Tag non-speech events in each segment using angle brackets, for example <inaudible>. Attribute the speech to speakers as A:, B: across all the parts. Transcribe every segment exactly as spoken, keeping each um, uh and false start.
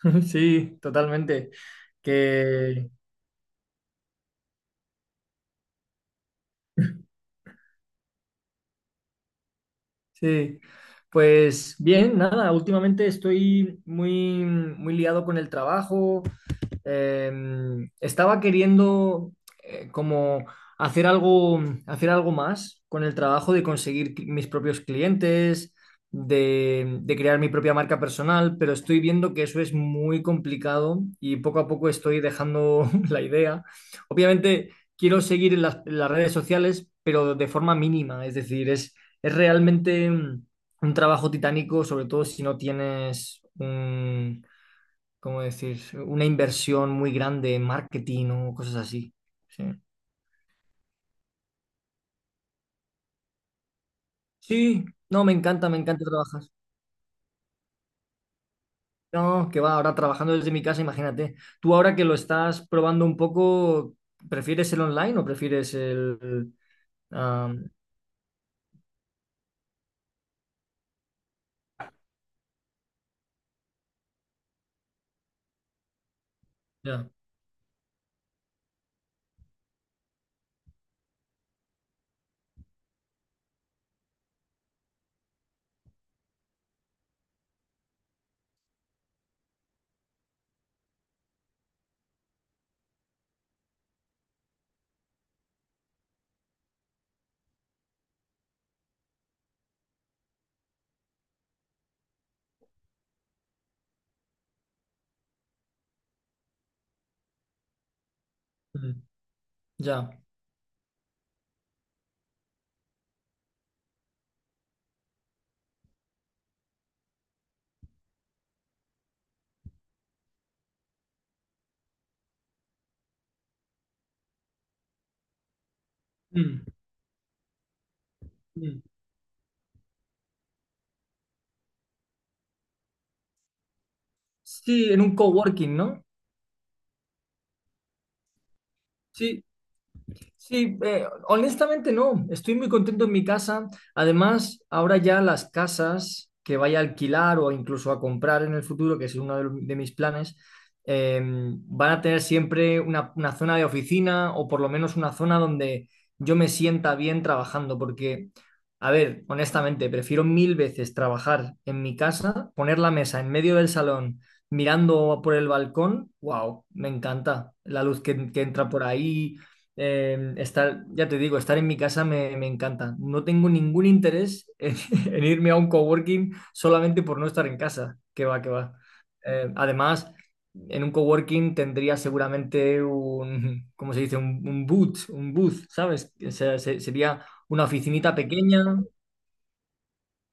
A: <laughs> Sí, totalmente. Que sí. Pues bien, nada, últimamente estoy muy, muy liado con el trabajo, em, estaba queriendo eh, como hacer algo, hacer algo más con el trabajo de conseguir cl- mis propios clientes, de, de crear mi propia marca personal, pero estoy viendo que eso es muy complicado y poco a poco estoy dejando <laughs> la idea. Obviamente quiero seguir en las, en las redes sociales, pero de forma mínima, es decir, es, es realmente mm, un trabajo titánico, sobre todo si no tienes un, ¿cómo decir? Una inversión muy grande en marketing o cosas así. Sí. Sí, no, me encanta, me encanta trabajar. No, que va, ahora trabajando desde mi casa, imagínate. Tú ahora que lo estás probando un poco, ¿prefieres el online o prefieres el... am, ya, mm, ya. Mm, mm. Sí, en un coworking, ¿no? Sí. Sí, eh, honestamente no, estoy muy contento en mi casa. Además, ahora ya las casas que vaya a alquilar o incluso a comprar en el futuro, que es uno de, de mis planes, eh, van a tener siempre una, una zona de oficina o por lo menos una zona donde yo me sienta bien trabajando, porque, a ver, honestamente, prefiero mil veces trabajar en mi casa, poner la mesa en medio del salón. Mirando por el balcón, wow, me encanta la luz que, que entra por ahí, eh, estar, ya te digo, estar en mi casa me, me encanta. No tengo ningún interés en, <laughs> en irme a un coworking solamente por no estar en casa. Que va, que va. Eh, además, en un coworking tendría seguramente un, <laughs> ¿cómo se dice? Un, un boot, un booth, ¿sabes? O sea, se- sería una oficinita pequeña,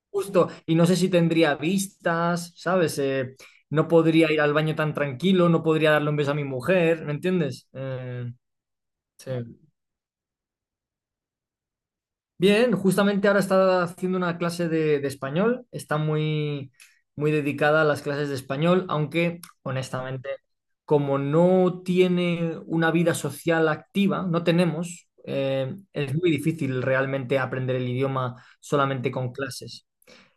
A: justo, y no sé si tendría vistas, ¿sabes? Eh, no podría ir al baño tan tranquilo, no podría darle un beso a mi mujer, ¿me entiendes? Eh, sí. Bien, justamente ahora está haciendo una clase de, de español, está muy, muy dedicada a las clases de español, aunque honestamente, como no tiene una vida social activa, no tenemos, eh, es muy difícil realmente aprender el idioma solamente con clases.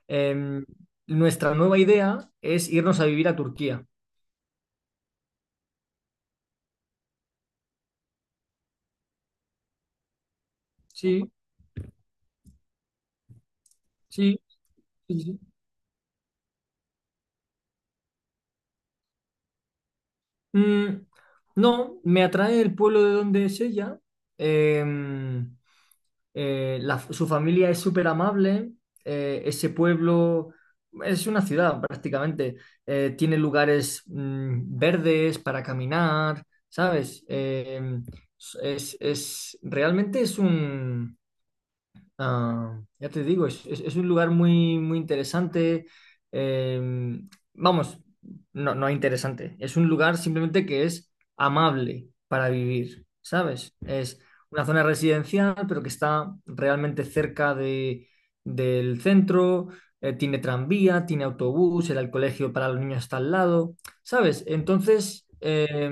A: Em, nuestra nueva idea es irnos a vivir a Turquía. Sí, sí, sí, sí. Mm, no, me atrae el pueblo de donde es ella. Em, eh, la- su familia es súper amable, eh, ese pueblo es una ciudad prácticamente, eh, tiene lugares mm, verdes para caminar, ¿sabes? Eh, es, es- realmente es un... Ah, ya te digo, es, es- es un lugar muy, muy interesante. Eh, vamos, no, no interesante. Es un lugar simplemente que es amable para vivir, ¿sabes? Es una zona residencial, pero que está realmente cerca de, del centro. Eh, tiene tranvía, tiene autobús, el colegio para los niños está al lado, ¿sabes? Entonces, eh,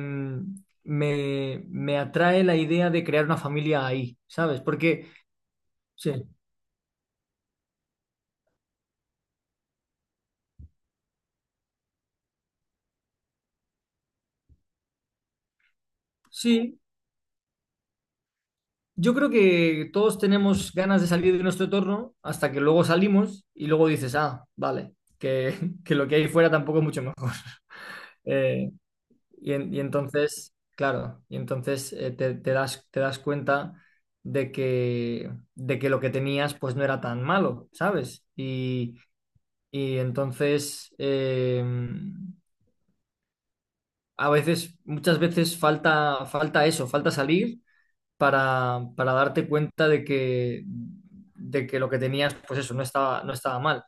A: me, me atrae la idea de crear una familia ahí, ¿sabes? Porque... Sí. Sí, yo creo que todos tenemos ganas de salir de nuestro entorno hasta que luego salimos y luego dices, ah, vale, que, <laughs> que lo que hay fuera tampoco es mucho mejor. Eh, y, en- y entonces, claro, y entonces eh, te, te das, te das cuenta de que, de que lo que tenías pues no era tan malo, ¿sabes? Y, y entonces, eh, a veces, muchas veces falta, falta eso, falta salir para, para darte cuenta de que, de que lo que tenías, pues eso, no estaba, no estaba mal.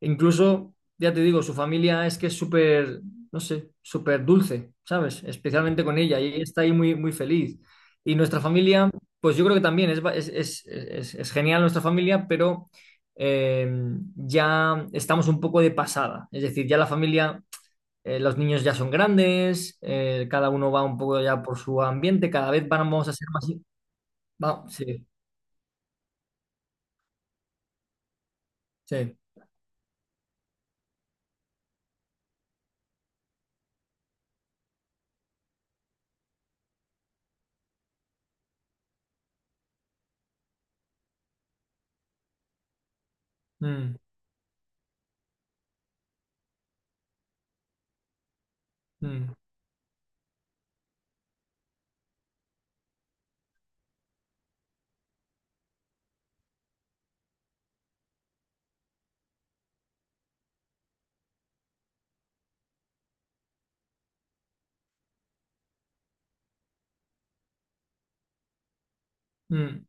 A: Incluso, ya te digo, su familia es que es súper, no sé, súper dulce, ¿sabes? Especialmente con ella, y ella está ahí muy, muy feliz. Y nuestra familia, pues yo creo que también es, ba- es, es- es- es genial nuestra familia, pero eh, ya estamos un poco de pasada. Es decir, ya la familia, eh, los niños ya son grandes, eh, cada uno va un poco ya por su ambiente, cada vez vamos a ser más. Va, sí, sí. Mm, mm, mm.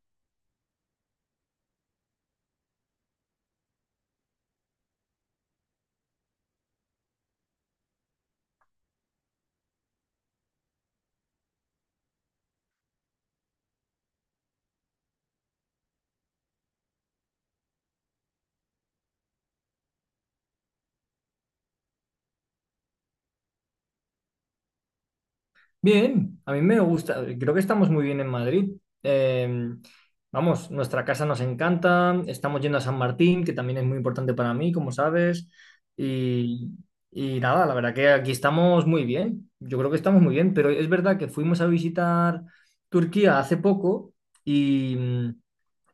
A: Bien, a mí me gusta. Creo que estamos muy bien en Madrid. Eh, vamos, nuestra casa nos encanta. Estamos yendo a San Martín, que también es muy importante para mí, como sabes. Y, y nada, la verdad que aquí estamos muy bien. Yo creo que estamos muy bien, pero es verdad que fuimos a visitar Turquía hace poco y...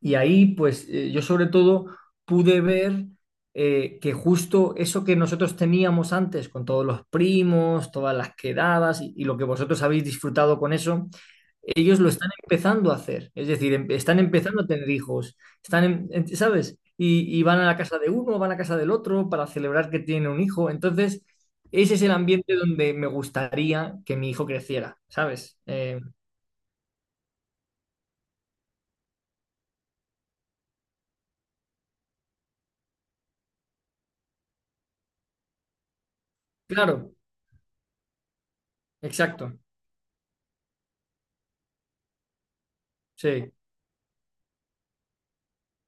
A: Y ahí, pues eh, yo sobre todo pude ver eh, que justo eso que nosotros teníamos antes, con todos los primos, todas las quedadas y, y lo que vosotros habéis disfrutado con eso, ellos lo están empezando a hacer. Es decir, em- están empezando a tener hijos, están, en- en- ¿sabes? Y, y van a la casa de uno, van a la casa del otro para celebrar que tienen un hijo. Entonces, ese es el ambiente donde me gustaría que mi hijo creciera, ¿sabes? Eh, claro, exacto, sí,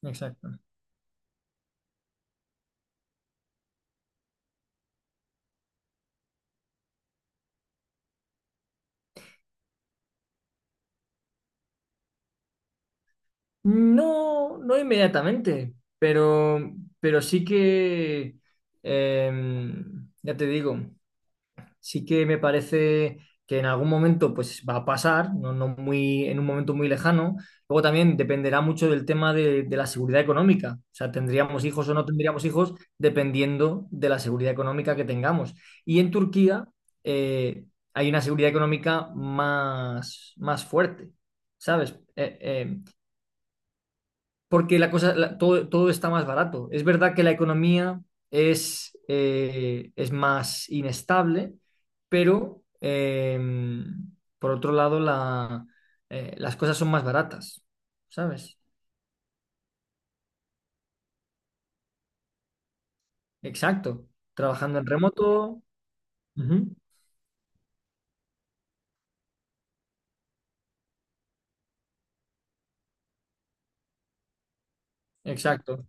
A: exacto. No, no inmediatamente, pero, pero sí que, em, ya te digo, sí que me parece que en algún momento pues va a pasar, no, no muy, en un momento muy lejano. Luego también dependerá mucho del tema de, de la seguridad económica. O sea, tendríamos hijos o no tendríamos hijos dependiendo de la seguridad económica que tengamos. Y en Turquía eh, hay una seguridad económica más, más fuerte, ¿sabes? Eh, eh, porque la cosa, la- todo, todo está más barato. Es verdad que la economía es, eh, es más inestable, pero em, por otro lado la, eh, las cosas son más baratas, ¿sabes? Exacto. Trabajando en remoto. Ujú. Exacto.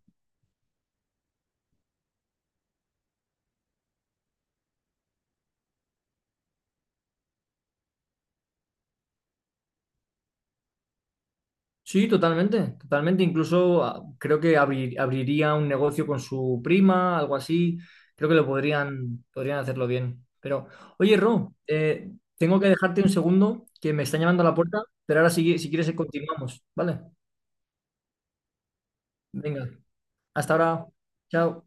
A: Sí, totalmente, totalmente. Incluso ah, creo que abri- abriría un negocio con su prima, algo así. Creo que lo podrían, podrían hacerlo bien. Pero, oye, Ro, eh, tengo que dejarte un segundo, que me están llamando a la puerta, pero ahora si, si quieres continuamos, ¿vale? Venga, hasta ahora. Chao.